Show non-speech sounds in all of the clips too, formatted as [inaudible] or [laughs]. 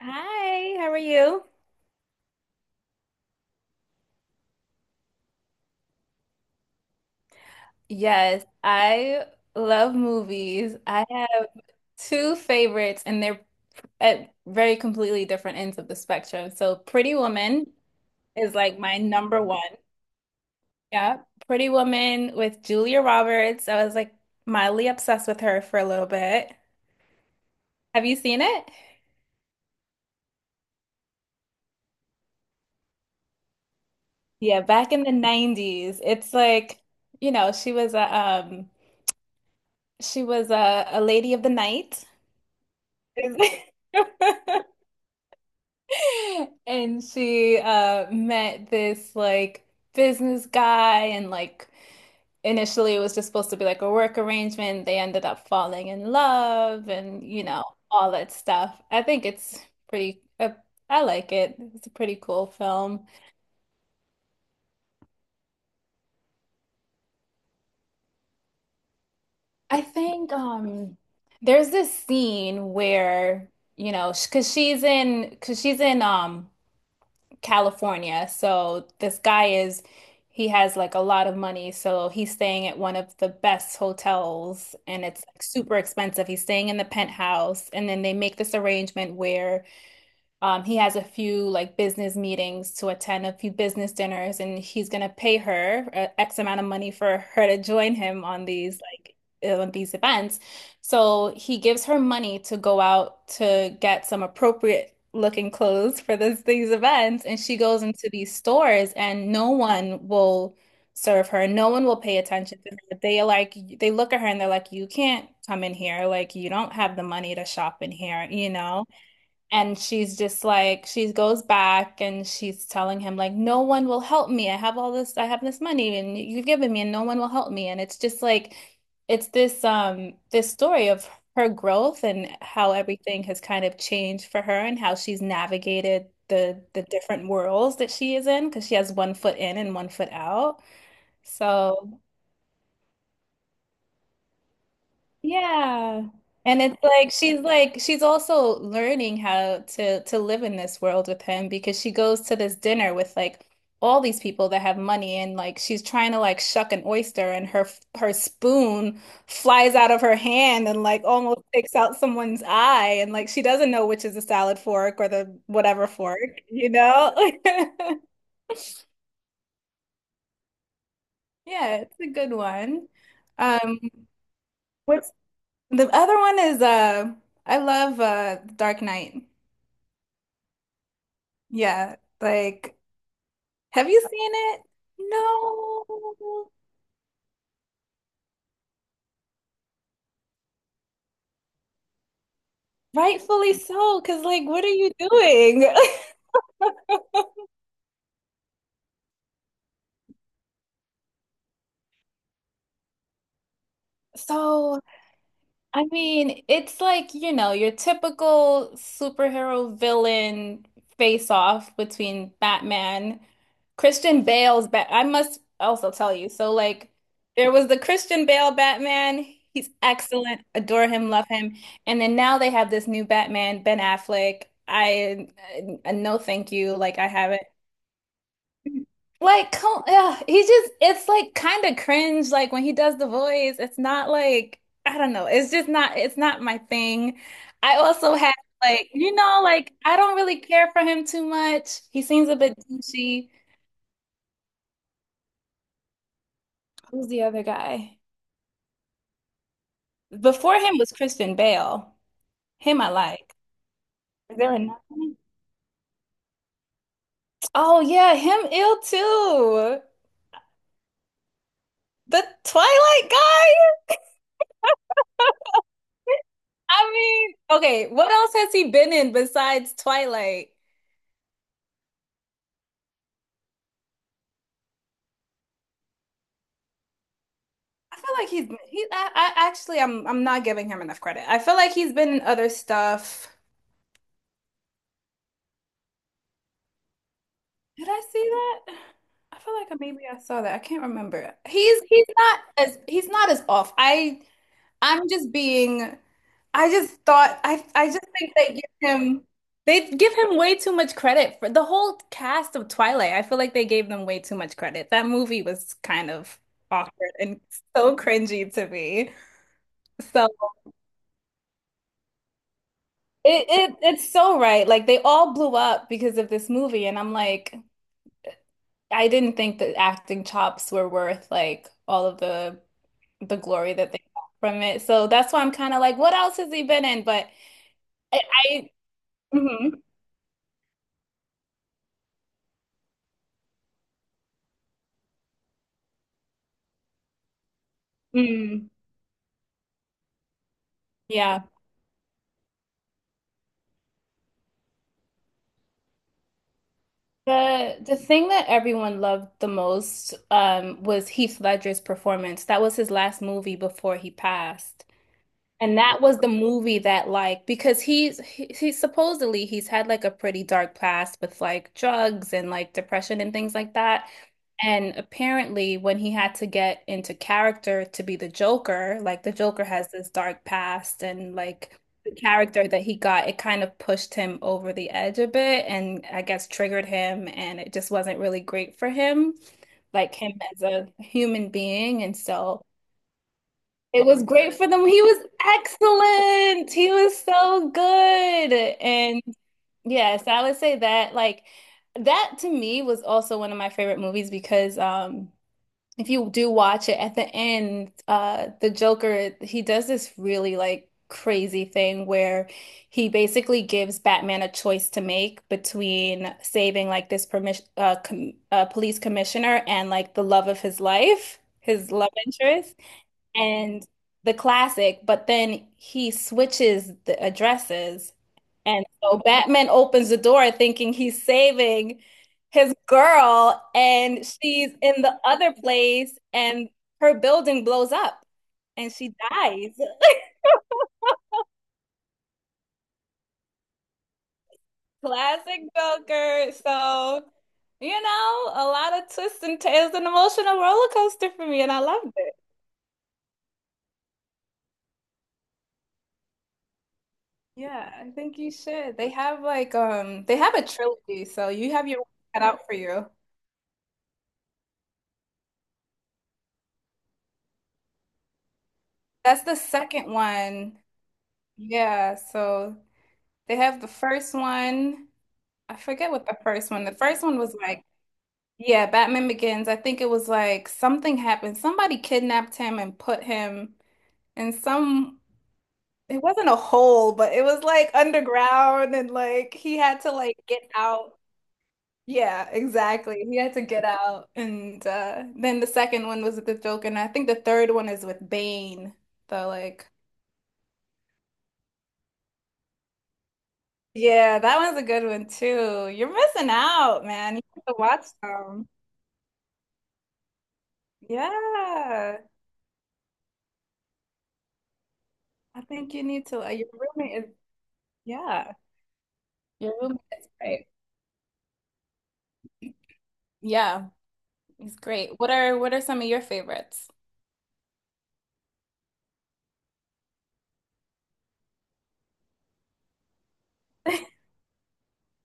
Hi, how are you? Yes, I love movies. I have two favorites, and they're at very completely different ends of the spectrum. So, Pretty Woman is like my number one. Yeah, Pretty Woman with Julia Roberts. I was like mildly obsessed with her for a little bit. Have you seen it? Yeah, back in the 90s. It's like, you know, she was a lady of the night. [laughs] [laughs] And she met this like business guy, and like initially it was just supposed to be like a work arrangement. They ended up falling in love, and all that stuff. Pretty uh, I like it. It's a pretty cool film. I think there's this scene where, because she's in, California. So, this guy, is, he has like a lot of money. So, he's staying at one of the best hotels, and it's like super expensive. He's staying in the penthouse. And then they make this arrangement where, he has a few like business meetings to attend, a few business dinners, and he's gonna pay her X amount of money for [laughs] her to join him on these like, on these events. So he gives her money to go out to get some appropriate looking clothes for this these events, and she goes into these stores, and no one will serve her. No one will pay attention to her. They look at her, and they're like, "You can't come in here. Like, you don't have the money to shop in here," you know? And she's just like, she goes back and she's telling him, like, no one will help me. I have this money and you've given me, and no one will help me. And it's just like, this story of her growth and how everything has kind of changed for her and how she's navigated the different worlds that she is in because she has one foot in and one foot out. So. Yeah. And it's like she's also learning how to live in this world with him, because she goes to this dinner with like all these people that have money, and like she's trying to like shuck an oyster, and her her spoon flies out of her hand and like almost takes out someone's eye, and like she doesn't know which is the salad fork or the whatever fork, you know? [laughs] Yeah, it's a good one. Um, what's the other one is I love Dark Knight. Yeah, like, have you seen it? No, rightfully so, because, like, what are you doing? [laughs] So, I mean, it's like, your typical superhero villain face off between Batman, Christian Bale's Bat. I must also tell you. So, like, there was the Christian Bale Batman. He's excellent. Adore him, love him. And then now they have this new Batman, Ben Affleck. I, no, thank you. Like, I haven't. Like, come, yeah, it's like kind of cringe. Like, when he does the voice, it's not like, I don't know. It's not my thing. I also have like, you know, like I don't really care for him too much. He seems a bit douchey. Who's the other guy? Before him was Christian Bale. Him I like. Is there another one? Oh yeah, him ill too. The Twilight guy? I mean, okay, what else has he been in besides Twilight? I feel like he's he. I actually, I'm not giving him enough credit. I feel like he's been in other stuff. Did I see that? I feel like maybe I saw that. I can't remember. He's not as off. I'm just being. I just think they give him way too much credit for the whole cast of Twilight. I feel like they gave them way too much credit. That movie was kind of awkward and so cringy to me. So. It, it's so right. Like, they all blew up because of this movie, and I'm like, I didn't think that acting chops were worth like all of the glory that they got from it. So, that's why I'm kind of like, what else has he been in? But, I, I mhm, mm, yeah. The thing that everyone loved the most was Heath Ledger's performance. That was his last movie before he passed. And that was the movie that, like, because he's he supposedly he's had like a pretty dark past with like drugs and like depression and things like that. And apparently when he had to get into character to be the Joker, like the Joker has this dark past, and like the character that he got, it kind of pushed him over the edge a bit, and I guess triggered him, and it just wasn't really great for him, like him as a human being. And so it was great for them. He was excellent. He was so good. And yes, I would say that, like, that to me was also one of my favorite movies, because if you do watch it at the end, the Joker, he does this really like crazy thing where he basically gives Batman a choice to make between saving like this permission com police commissioner and like the love of his life, his love interest, and the classic, but then he switches the addresses. And so Batman opens the door thinking he's saving his girl, and she's in the other place, and her building blows up, and she dies. [laughs] Classic Joker. So, a lot of twists and turns, an emotional roller coaster for me, and I loved it. Yeah, I think you should. They have like they have a trilogy, so you have your work cut out for you. That's the second one. Yeah, so they have the first one. I forget what the first one. The first one was like, yeah, Batman Begins. I think it was like something happened. Somebody kidnapped him and put him in some, it wasn't a hole, but it was like underground, and like he had to like get out. Yeah, exactly. He had to get out. And then the second one was with the Joker, and I think the third one is with Bane. So, like, yeah, that one's a good one too. You're missing out, man. You have to watch them. Yeah. I think you need to your roommate is, yeah. Your roommate is great. Yeah, he's great. What are some of your favorites?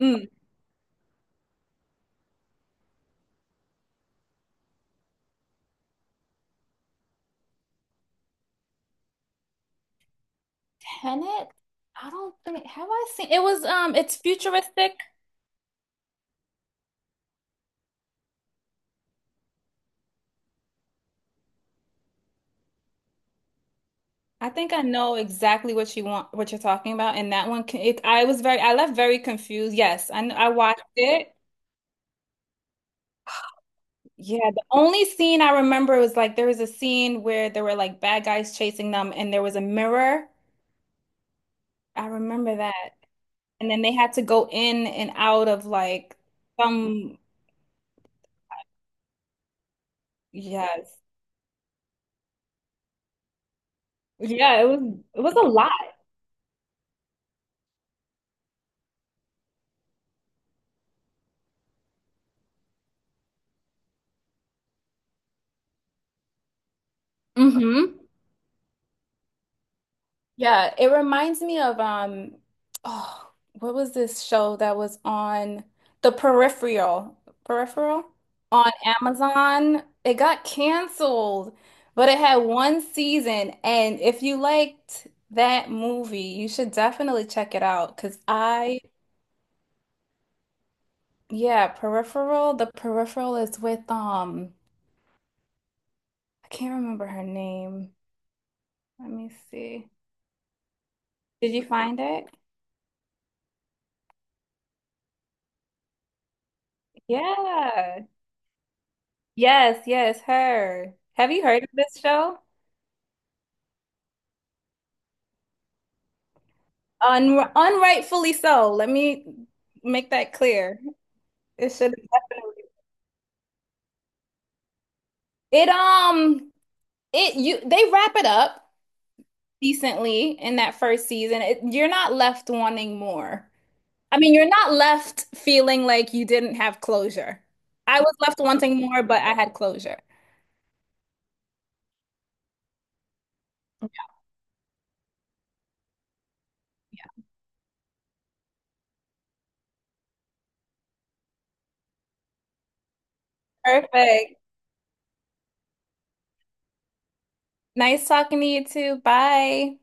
Mm. Tenet? I don't think, have I seen, it was it's futuristic. I think I know exactly what you want, what you're talking about, and that one. It, I left very confused. Yes, I watched it. Yeah, the only scene I remember was like there was a scene where there were like bad guys chasing them, and there was a mirror. I remember that, and then they had to go in and out of like some. Yes, yeah, it was a lot. Mm-hmm. Yeah, it reminds me of, oh, what was this show that was on? The Peripheral? Peripheral on Amazon. It got canceled, but it had one season, and if you liked that movie, you should definitely check it out. Cause I, yeah, Peripheral, The Peripheral is with, I can't remember her name. Let me see. Did you find it? Yeah. Yes, yes, her. Have you heard of this show? Un unrightfully so. Let me make that clear. It should definitely. It um it, you, they wrap it up decently in that first season. It, you're not left wanting more. I mean, you're not left feeling like you didn't have closure. I was left wanting more, but I had closure. Perfect. Nice talking to you too. Bye.